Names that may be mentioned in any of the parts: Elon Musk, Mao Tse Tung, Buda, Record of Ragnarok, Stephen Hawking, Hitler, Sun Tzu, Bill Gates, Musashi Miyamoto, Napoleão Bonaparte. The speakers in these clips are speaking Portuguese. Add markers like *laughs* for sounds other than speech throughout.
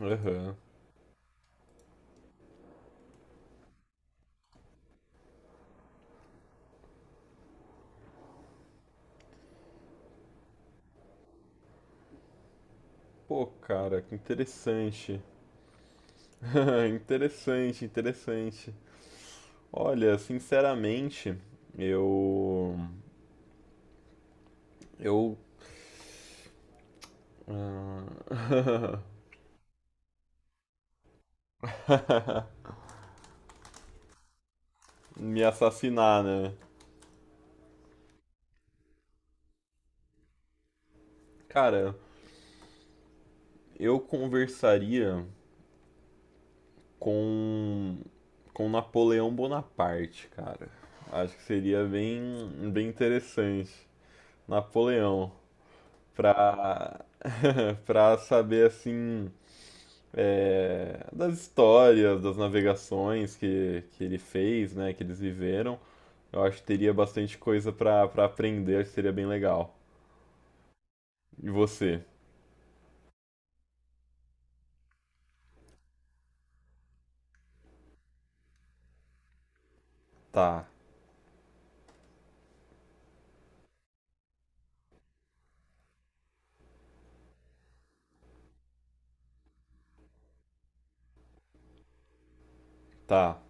Aham. Pô, cara, que interessante. *laughs* Interessante, interessante. Olha, sinceramente, eu. Eu. ah, *laughs* me assassinar, né? Cara, eu conversaria com. Com Napoleão Bonaparte, cara. Acho que seria bem, bem interessante. Napoleão, pra. *laughs* pra saber assim. Das histórias, das navegações que ele fez, né, que eles viveram. Eu acho que teria bastante coisa pra aprender, acho que seria bem legal. E você? Tá, tá.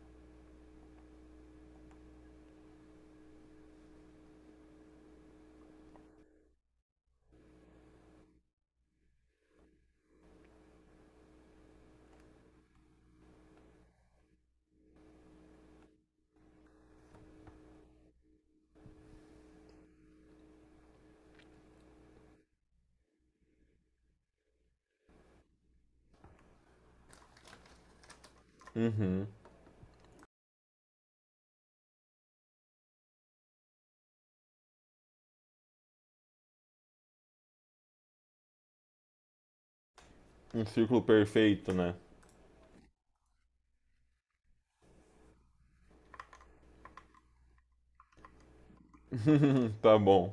Uhum. Um círculo perfeito, né? *laughs* Tá bom.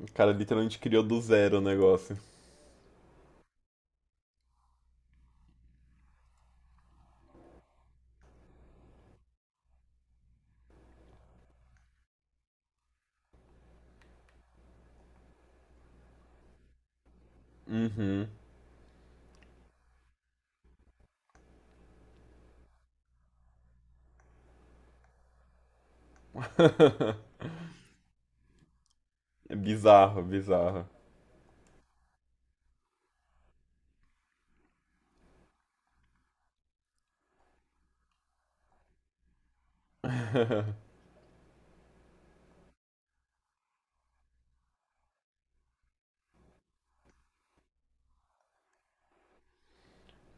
O cara literalmente criou do zero o negócio. Uhum. É bizarro, bizarro.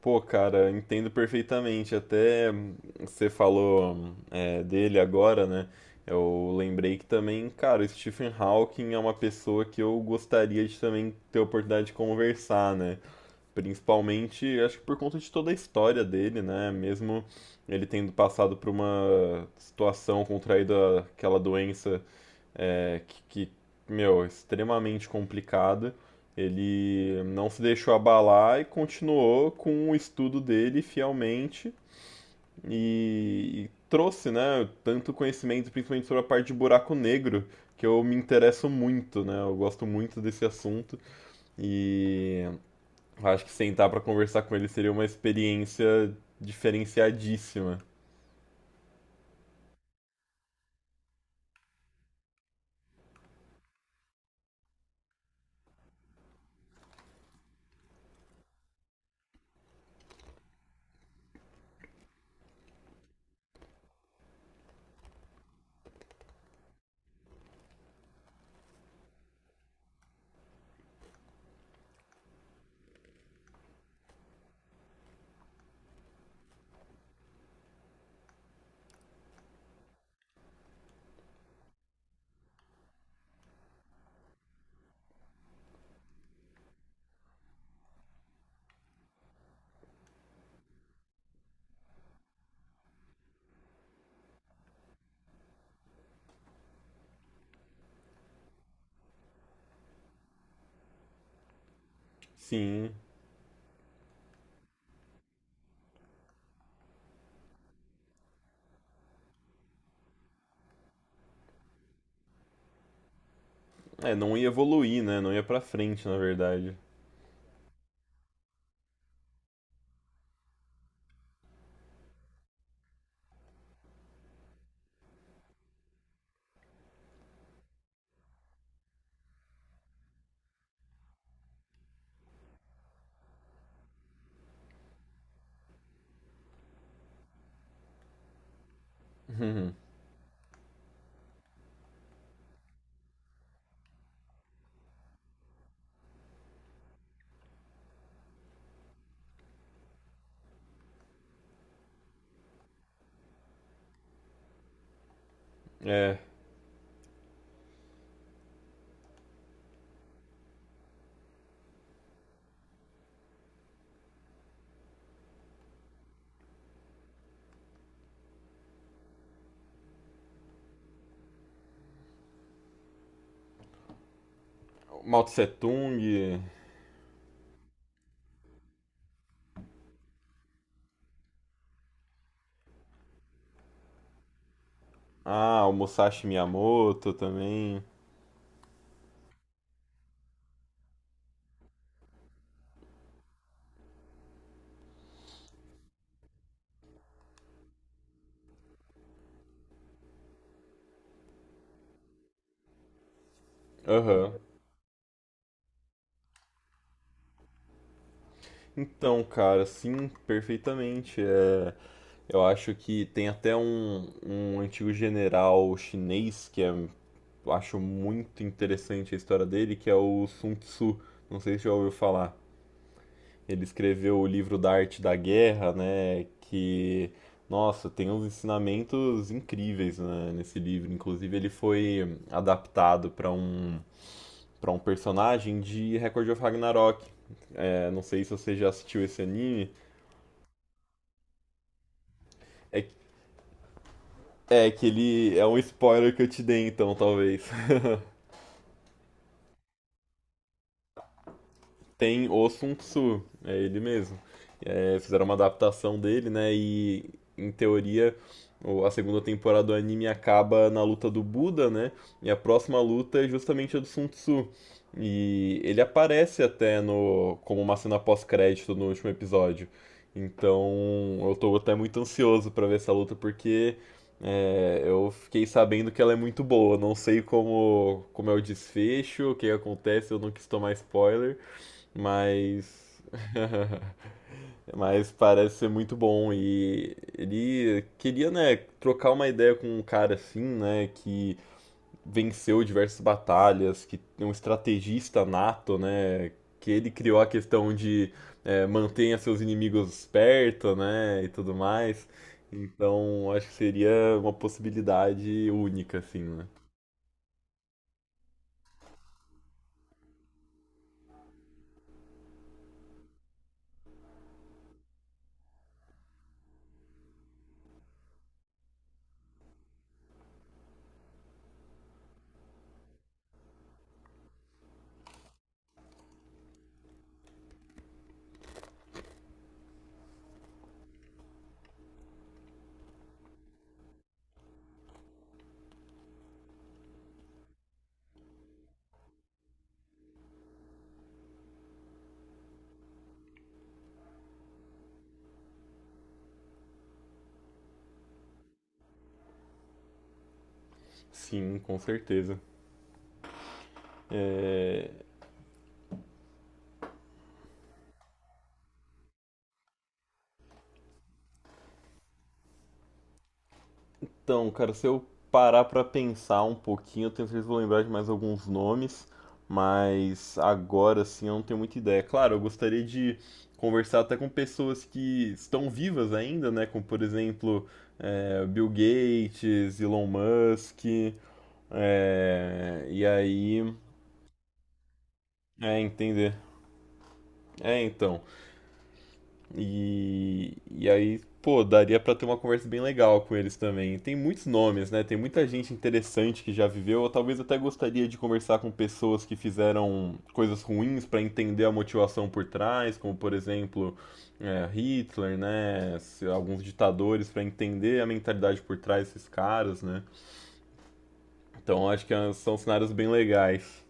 Pô, cara, entendo perfeitamente. Até você falou dele agora, né? Eu lembrei que também, cara, o Stephen Hawking é uma pessoa que eu gostaria de também ter a oportunidade de conversar, né? Principalmente, acho que por conta de toda a história dele, né? Mesmo ele tendo passado por uma situação contraído aquela doença é, que, que, meu, é extremamente complicada. Ele não se deixou abalar e continuou com o estudo dele fielmente e, trouxe, né, tanto conhecimento, principalmente sobre a parte de buraco negro, que eu me interesso muito, né? Eu gosto muito desse assunto e acho que sentar para conversar com ele seria uma experiência diferenciadíssima. Sim, é, não ia evoluir, né? Não ia para frente, na verdade. *laughs* é, Mao Tse Tung. Ah, o Musashi Miyamoto também. Aham. Então, cara, sim, perfeitamente. É, eu acho que tem até um antigo general chinês eu acho muito interessante a história dele, que é o Sun Tzu. Não sei se já ouviu falar. Ele escreveu o livro da Arte da Guerra, né? Que, nossa, tem uns ensinamentos incríveis, né, nesse livro. Inclusive, ele foi adaptado para um personagem de Record of Ragnarok. É, não sei se você já assistiu esse anime. É, é que ele é um spoiler que eu te dei, então, talvez. *laughs* Tem o Sun Tzu, é ele mesmo. É, fizeram uma adaptação dele, né? E em teoria a segunda temporada do anime acaba na luta do Buda, né? E a próxima luta é justamente a do Sun Tzu. E ele aparece até no como uma cena pós-crédito no último episódio. Então eu tô até muito ansioso pra ver essa luta porque eu fiquei sabendo que ela é muito boa. Não sei como é o desfecho, o que acontece, eu não quis tomar spoiler. Mas. *laughs* Mas parece ser muito bom. E ele queria, né, trocar uma ideia com um cara assim, né, que venceu diversas batalhas, que é um estrategista nato, né, que ele criou a questão de mantenha seus inimigos perto, né, e tudo mais. Então acho que seria uma possibilidade única, assim, né? Sim, com certeza. Então, cara, se eu parar pra pensar um pouquinho, eu tenho certeza que vou lembrar de mais alguns nomes, mas agora sim eu não tenho muita ideia. Claro, eu gostaria de conversar até com pessoas que estão vivas ainda, né? Como, por exemplo, Bill Gates, Elon Musk, e aí, entender. É, então. E aí, pô, daria pra ter uma conversa bem legal com eles também. Tem muitos nomes, né? Tem muita gente interessante que já viveu. Eu talvez até gostaria de conversar com pessoas que fizeram coisas ruins pra entender a motivação por trás, como por exemplo, Hitler, né? Alguns ditadores pra entender a mentalidade por trás desses caras, né? Então acho que são cenários bem legais.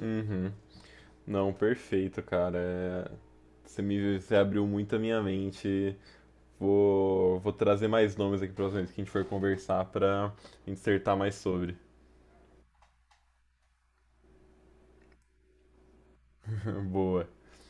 Uhum. Não, perfeito, cara. É, você abriu muito a minha mente. Vou trazer mais nomes aqui para vocês que a gente for conversar para insertar mais sobre. *laughs* Boa.